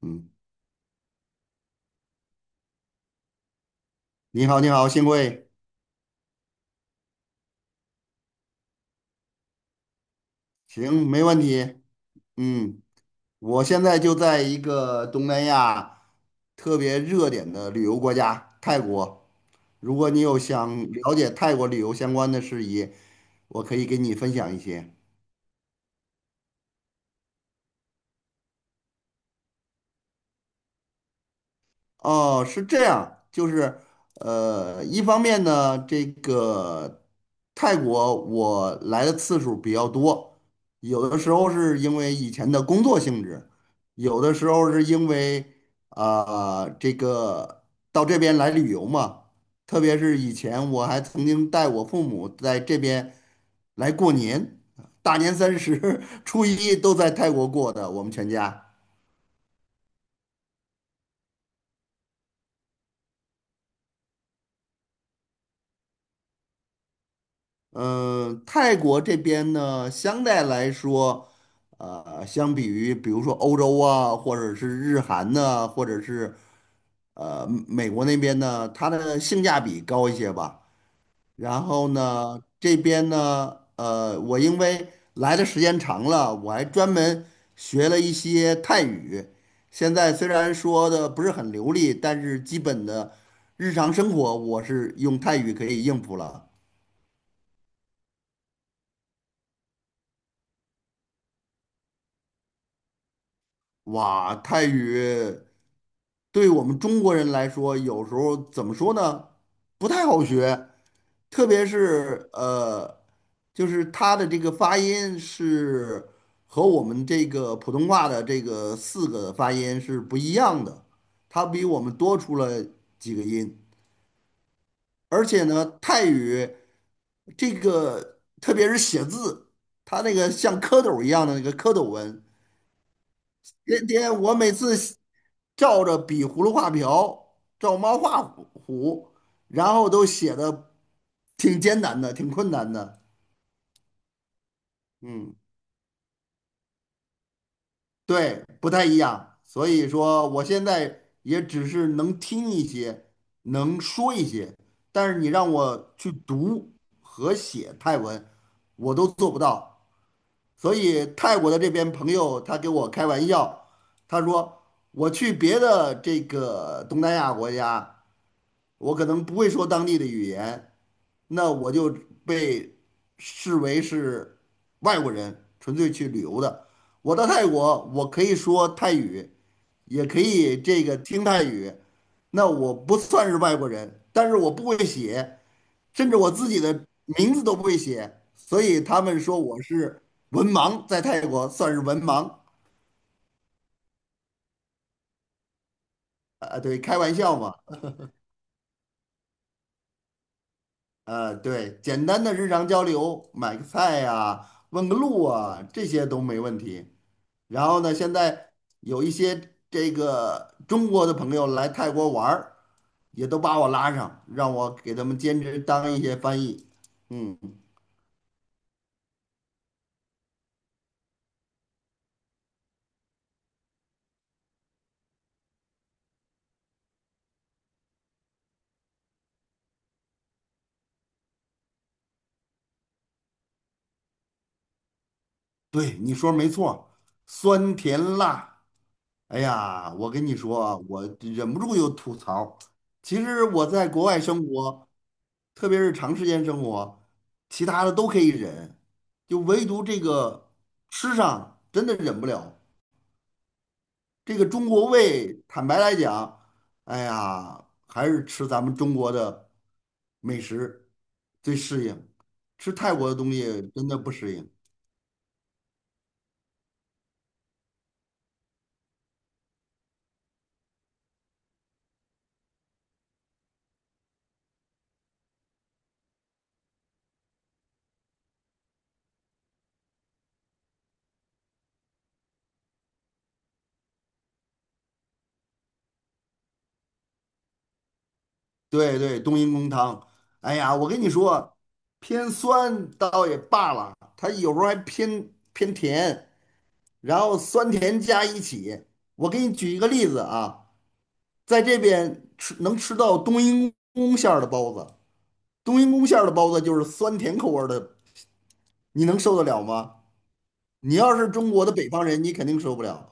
嗯，你好，你好，幸会，行，没问题。嗯，我现在就在一个东南亚特别热点的旅游国家泰国。如果你有想了解泰国旅游相关的事宜，我可以给你分享一些。哦，是这样，就是一方面呢，这个泰国我来的次数比较多，有的时候是因为以前的工作性质，有的时候是因为这个到这边来旅游嘛，特别是以前我还曾经带我父母在这边来过年，大年三十、初一都在泰国过的，我们全家。泰国这边呢，相对来说，相比于比如说欧洲啊，或者是日韩呢，或者是美国那边呢，它的性价比高一些吧。然后呢，这边呢，我因为来的时间长了，我还专门学了一些泰语。现在虽然说的不是很流利，但是基本的日常生活我是用泰语可以应付了。哇，泰语。对我们中国人来说，有时候怎么说呢，不太好学，特别是就是它的这个发音是和我们这个普通话的这个四个发音是不一样的，它比我们多出了几个音，而且呢，泰语这个特别是写字，它那个像蝌蚪一样的那个蝌蚪文。天天我每次照着比葫芦画瓢，照猫画虎，然后都写的挺艰难的，挺困难的。嗯，对，不太一样。所以说，我现在也只是能听一些，能说一些，但是你让我去读和写泰文，我都做不到。所以泰国的这边朋友他给我开玩笑，他说我去别的这个东南亚国家。我可能不会说当地的语言，那我就被视为是外国人，纯粹去旅游的。我到泰国，我可以说泰语，也可以这个听泰语，那我不算是外国人，但是我不会写，甚至我自己的名字都不会写，所以他们说我是文盲，在泰国算是文盲，啊，对，开玩笑嘛。对，简单的日常交流，买个菜呀、问个路啊，这些都没问题。然后呢，现在有一些这个中国的朋友来泰国玩儿，也都把我拉上，让我给他们兼职当一些翻译。嗯，对，你说没错，酸甜辣。哎呀，我跟你说啊我忍不住又吐槽。其实我在国外生活。特别是长时间生活，其他的都可以忍，就唯独这个吃上真的忍不了。这个中国胃，坦白来讲，哎呀，还是吃咱们中国的美食最适应，吃泰国的东西真的不适应。对对，冬阴功汤，哎呀，我跟你说，偏酸倒也罢了，它有时候还偏偏甜，然后酸甜加一起。我给你举一个例子啊。在这边吃能吃到冬阴功馅儿的包子，冬阴功馅儿的包子就是酸甜口味儿的，你能受得了吗？你要是中国的北方人，你肯定受不了。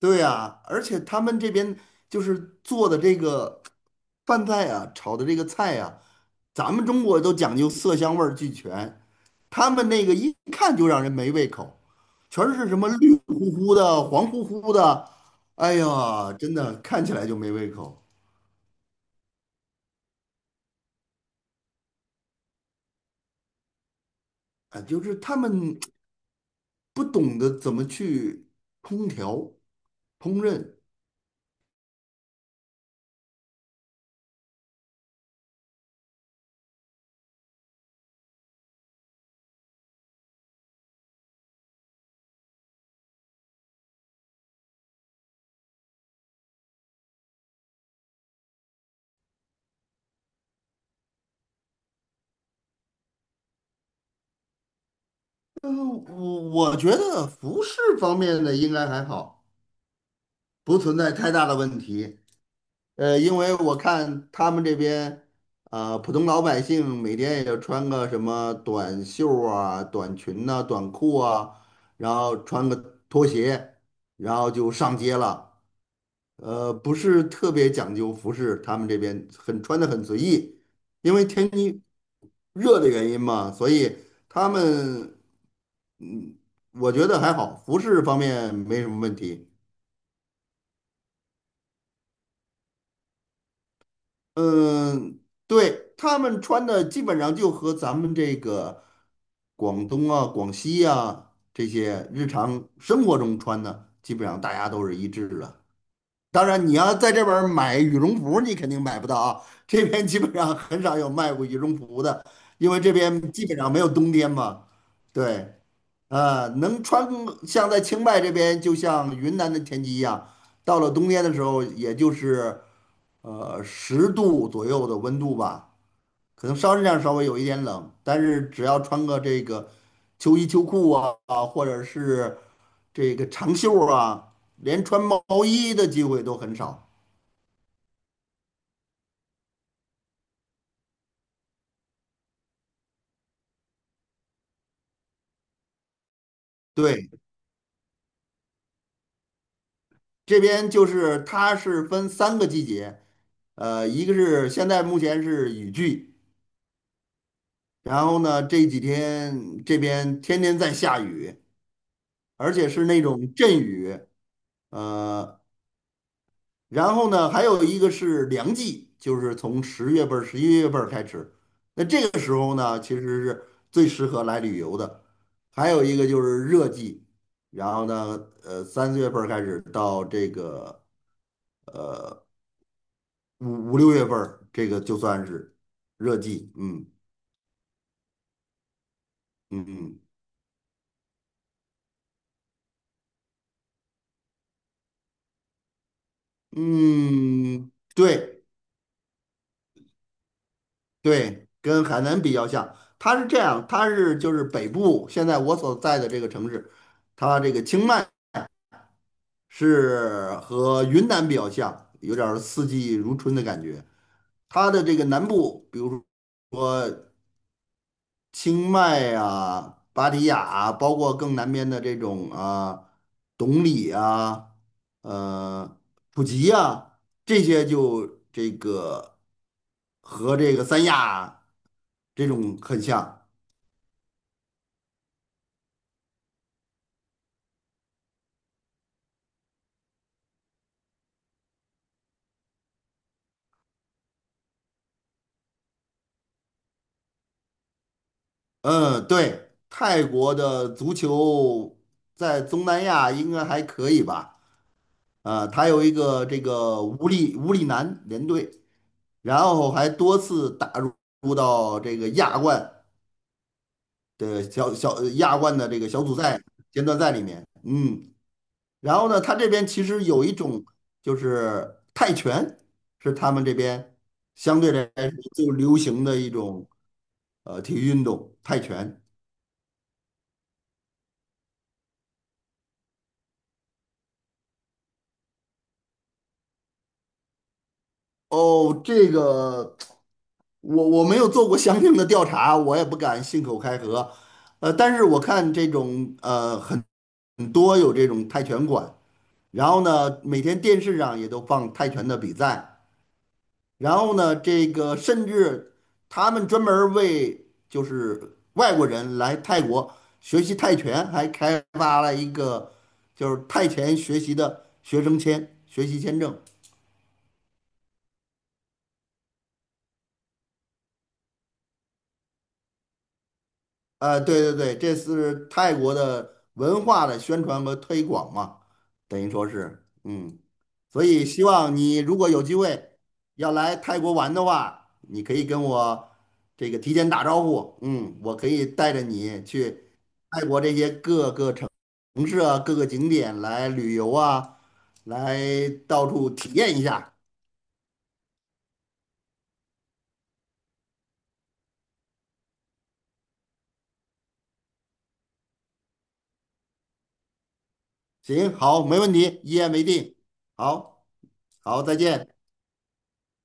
对呀，而且他们这边就是做的这个饭菜啊，炒的这个菜啊，咱们中国都讲究色香味儿俱全，他们那个一看就让人没胃口，全是什么绿乎乎的、黄乎乎的，哎呀，真的看起来就没胃口。啊，就是他们不懂得怎么去烹调、烹饪。嗯，我觉得服饰方面的应该还好，不存在太大的问题。因为我看他们这边，普通老百姓每天也就穿个什么短袖啊、短裙呐、短裤啊，然后穿个拖鞋，然后就上街了。不是特别讲究服饰，他们这边很穿的很随意，因为天气热的原因嘛，所以他们，嗯，我觉得还好，服饰方面没什么问题。嗯，对，他们穿的基本上就和咱们这个广东啊、广西啊这些日常生活中穿的，基本上大家都是一致的。当然，你要在这边儿买羽绒服，你肯定买不到啊。这边基本上很少有卖过羽绒服的，因为这边基本上没有冬天嘛。对，能穿像在清迈这边，就像云南的天气一样，到了冬天的时候，也就是10度左右的温度吧，可能稍微有一点冷，但是只要穿个这个秋衣秋裤啊，或者是这个长袖儿啊，连穿毛衣的机会都很少。对，这边就是它是分三个季节，一个是现在目前是雨季，然后呢这几天这边天天在下雨，而且是那种阵雨，呃，然后呢还有一个是凉季，就是从10月份儿、11月份儿开始，那这个时候呢其实是最适合来旅游的，还有一个就是热季，然后呢，三四月份儿开始到这个五六月份儿，这个就算是热季。嗯嗯嗯嗯，对对，跟海南比较像。它是这样，就是北部，现在我所在的这个城市，它这个清迈是和云南比较像，有点儿四季如春的感觉。它的这个南部，比如说，清迈啊、芭提雅啊包括更南边的这种啊，董里啊、呃普吉啊，这些就这个和这个三亚啊这种很像。嗯，对，泰国的足球在东南亚应该还可以吧？啊，他有一个这个无力无力男联队，然后还多次打入到这个亚冠的小小亚冠的这个小组赛、阶段赛里面，然后呢，他这边其实有一种就是泰拳，是他们这边相对来说最流行的一种体育运动，泰拳。哦，这个我没有做过相应的调查，我也不敢信口开河，但是我看这种很多有这种泰拳馆，然后呢，每天电视上也都放泰拳的比赛。然后呢，这个甚至他们专门儿为就是外国人来泰国学习泰拳，还开发了一个就是泰拳学习的学生签、学习签证。对对对，这是泰国的文化的宣传和推广嘛，等于说是，所以希望你如果有机会要来泰国玩的话，你可以跟我这个提前打招呼，我可以带着你去泰国这些各个城市啊、各个景点来旅游啊，来到处体验一下。行，好，没问题，一言为定。好，好，再见。